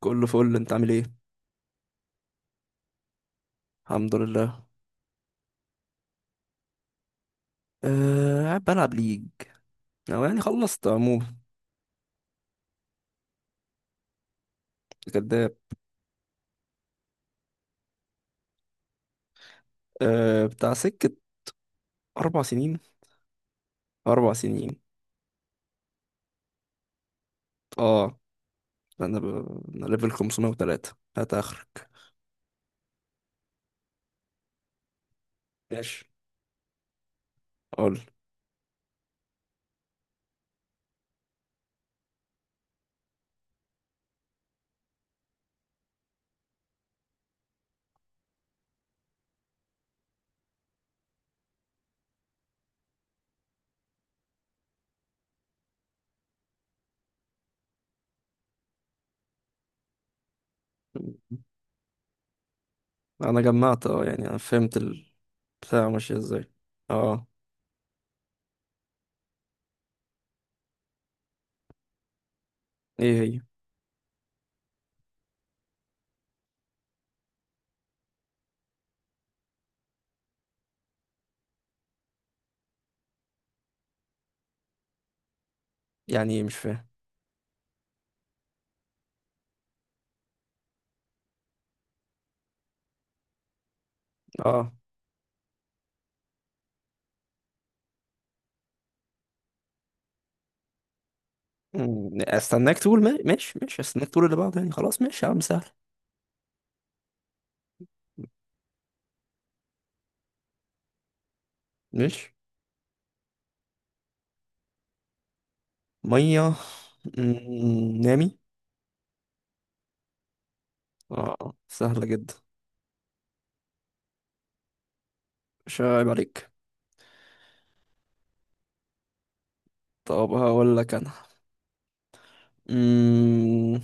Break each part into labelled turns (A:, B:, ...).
A: كله فل. انت عامل ايه؟ الحمد لله. أه قاعد بلعب ليج، او يعني خلصت عموما. كداب. أه بتاع سكة 4 سنين. 4 سنين. اه انا انا ليفل 503. هتاخرك؟ ماشي، قول. انا جمعت، اه يعني انا فهمت البتاع. ماشية ازاي؟ اه، ايه هي؟ يعني ايه مش فاهم؟ اه. استناك تقول ماشي، استناك تقول اللي بعده، يعني خلاص ماشي يا عم، سهل. ماشي. مية. نامي. اه سهلة جدا. مش عيب عليك. طب هقول لك انا. مم...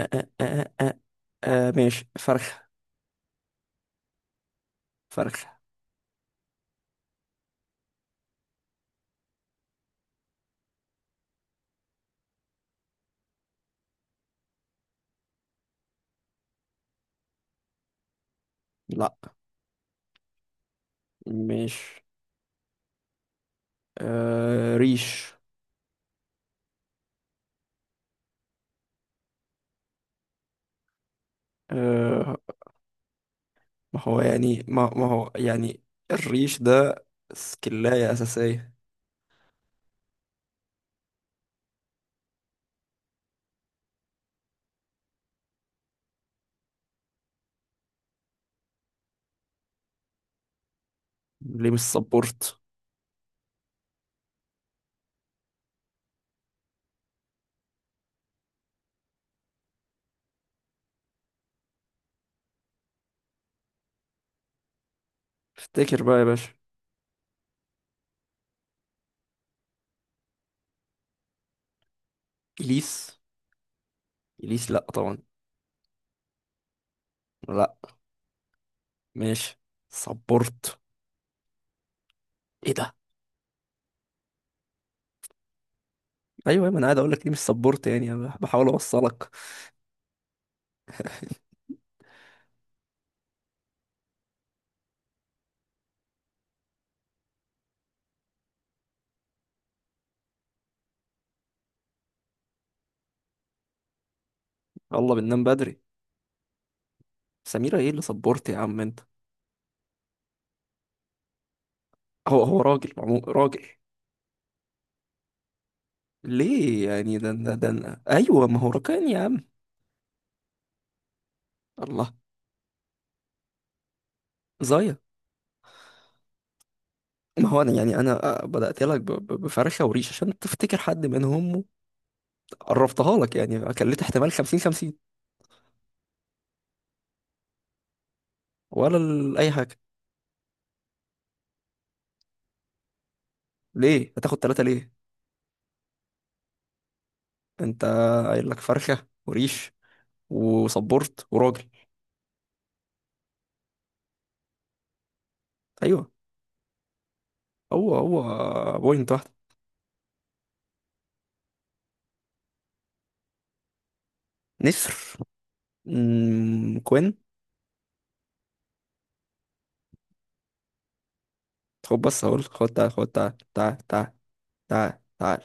A: آه. آه، ماشي، فرخة. فرخة. لا. مش. آه، ريش. آه. ما هو يعني، ما هو يعني الريش ده سكلاية أساسية. ليه مش سبورت؟ افتكر بقى يا باشا. إليس. إليس؟ لا طبعا. لا، ماشي. سبورت. ايه ده! ايوه، ما انا قاعد اقول لك ليه مش سبورت، يعني أنا بحاول اوصلك. يلا بننام بدري. سميرة؟ ايه اللي صبرت يا عم انت! هو راجل، عمو راجل. ليه يعني؟ ده أنا. ايوه، ما هو ركان يا عم. الله. زايا. ما هو انا، يعني انا آه، بدأت لك بفرخة وريش عشان تفتكر حد منهم. قربتها لك، يعني كلت احتمال 50 50. ولا اي حاجة. ليه هتاخد 3 ليه؟ انت قايل لك فرخة وريش، وصبرت، وراجل. ايوه. هو بوينت واحدة. نسر. كوين. خد بص، هقول، خد تعال، خد تعال تعال تعال تعال تعال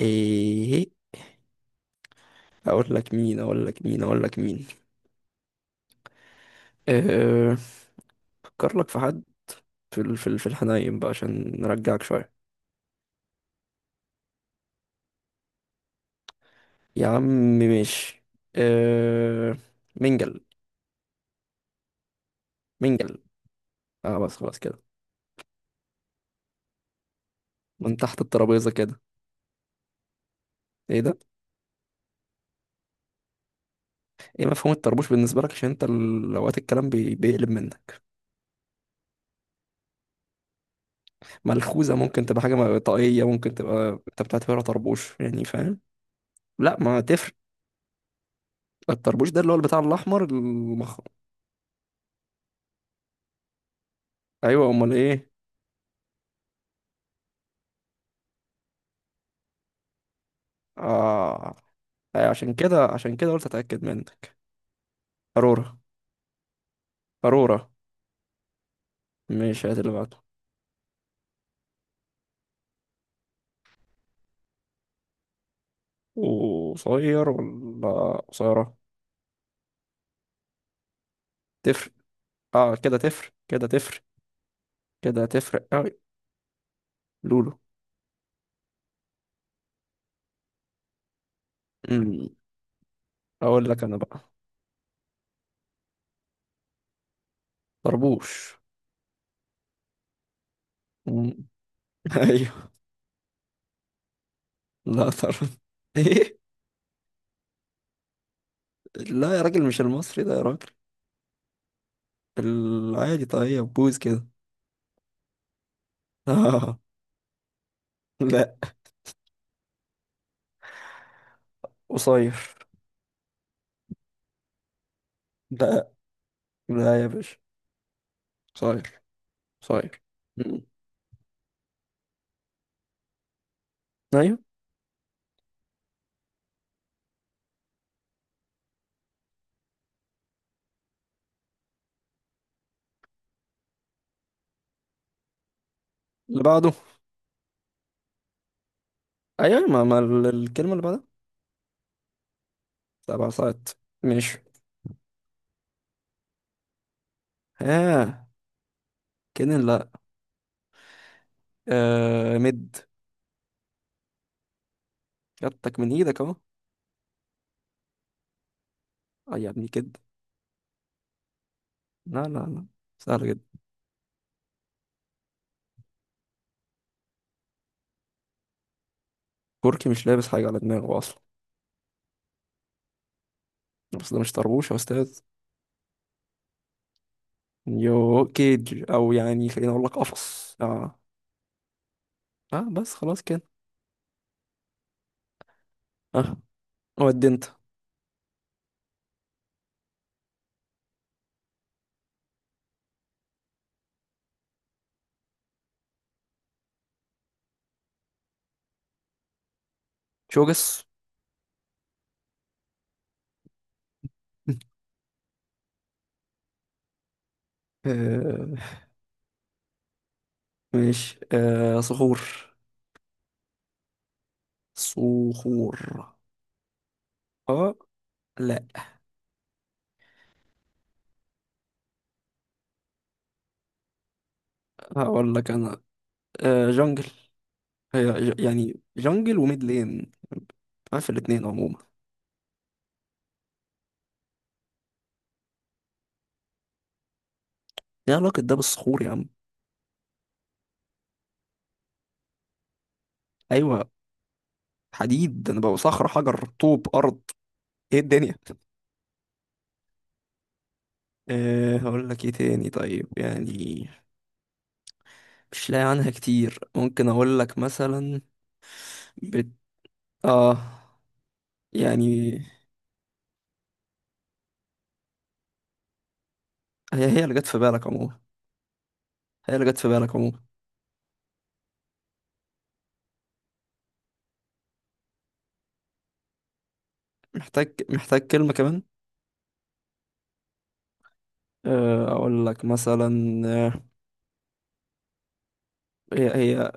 A: ايه؟ اقول لك مين اقول لك مين اقول لك مين أه، افكر لك في حد في الحنايم بقى عشان نرجعك شويه. يا عم ماشي. أه، منجل. منجل. اه بس خلاص كده. من تحت الترابيزه كده. ايه ده؟ ايه مفهوم الطربوش بالنسبه لك، عشان انت اوقات الكلام بيقلب منك. ملخوذه، ممكن تبقى حاجه، طاقيه ممكن تبقى، انت بتعتبرها طربوش، يعني فاهم. لا ما تفرق. الطربوش ده اللي هو بتاع الاحمر ايوه، امال ايه؟ اه. أيوة، عشان كده، عشان كده قلت اتاكد منك. قارورة. قارورة. مش، هات اللي بعده. وقصير ولا قصيرة؟ تفرق؟ اه كده تفرق، كده تفرق، كده تفرق اوي. لولو. أمم، اقول لك انا بقى. طربوش. أمم، ايوه. لا، طرب. ايه، لا يا راجل مش المصري ده يا راجل. العادي. طيب بوز كده. آه. لا، قصير. لا لا يا باشا. صاير. صاير. مم. ايوه اللي بعده. ايوه، ما, ما ال- الكلمه اللي بعدها. 7 ساعات، ماشي. ها؟ كده لا. آه، مد. جبتك من ايدك اهو. آه يا ابني كده. لا لا لا، سهل جدا. كوركي مش لابس حاجه على دماغه اصلا. بس ده مش طربوش يا استاذ. يو كيج، او يعني خليني اقول لك قفص. اه. اه بس خلاص كده. اه. ودي انت. شوجس. آه، ماشي. آه، صخور. صخور. اه. لا. هقول لك انا. آه، جونجل. يعني جونجل وميد لين. عارف الاتنين عموما. ايه علاقة ده بالصخور يا عم؟ ايوه، حديد انا، بقى صخر، حجر، طوب، ارض. ايه الدنيا! أه هقول لك ايه تاني طيب يعني. مش لاقي عنها كتير، ممكن اقول لك مثلا. بت... اه يعني. هي اللي جت في بالك عموما. هي اللي جت في بالك عموما. محتاج كلمة كمان. آه، اقول لك مثلا آه، هي.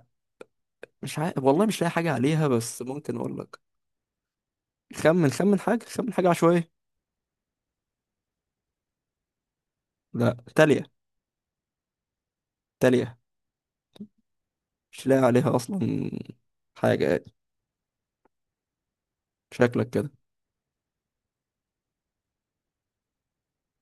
A: مش عارف والله، مش لاقي حاجة عليها، بس ممكن أقول لك. خمن، خمن حاجة، خمن حاجة عشوائية. لا، تالية. تالية. مش لاقي عليها أصلا حاجة يعني. شكلك كده.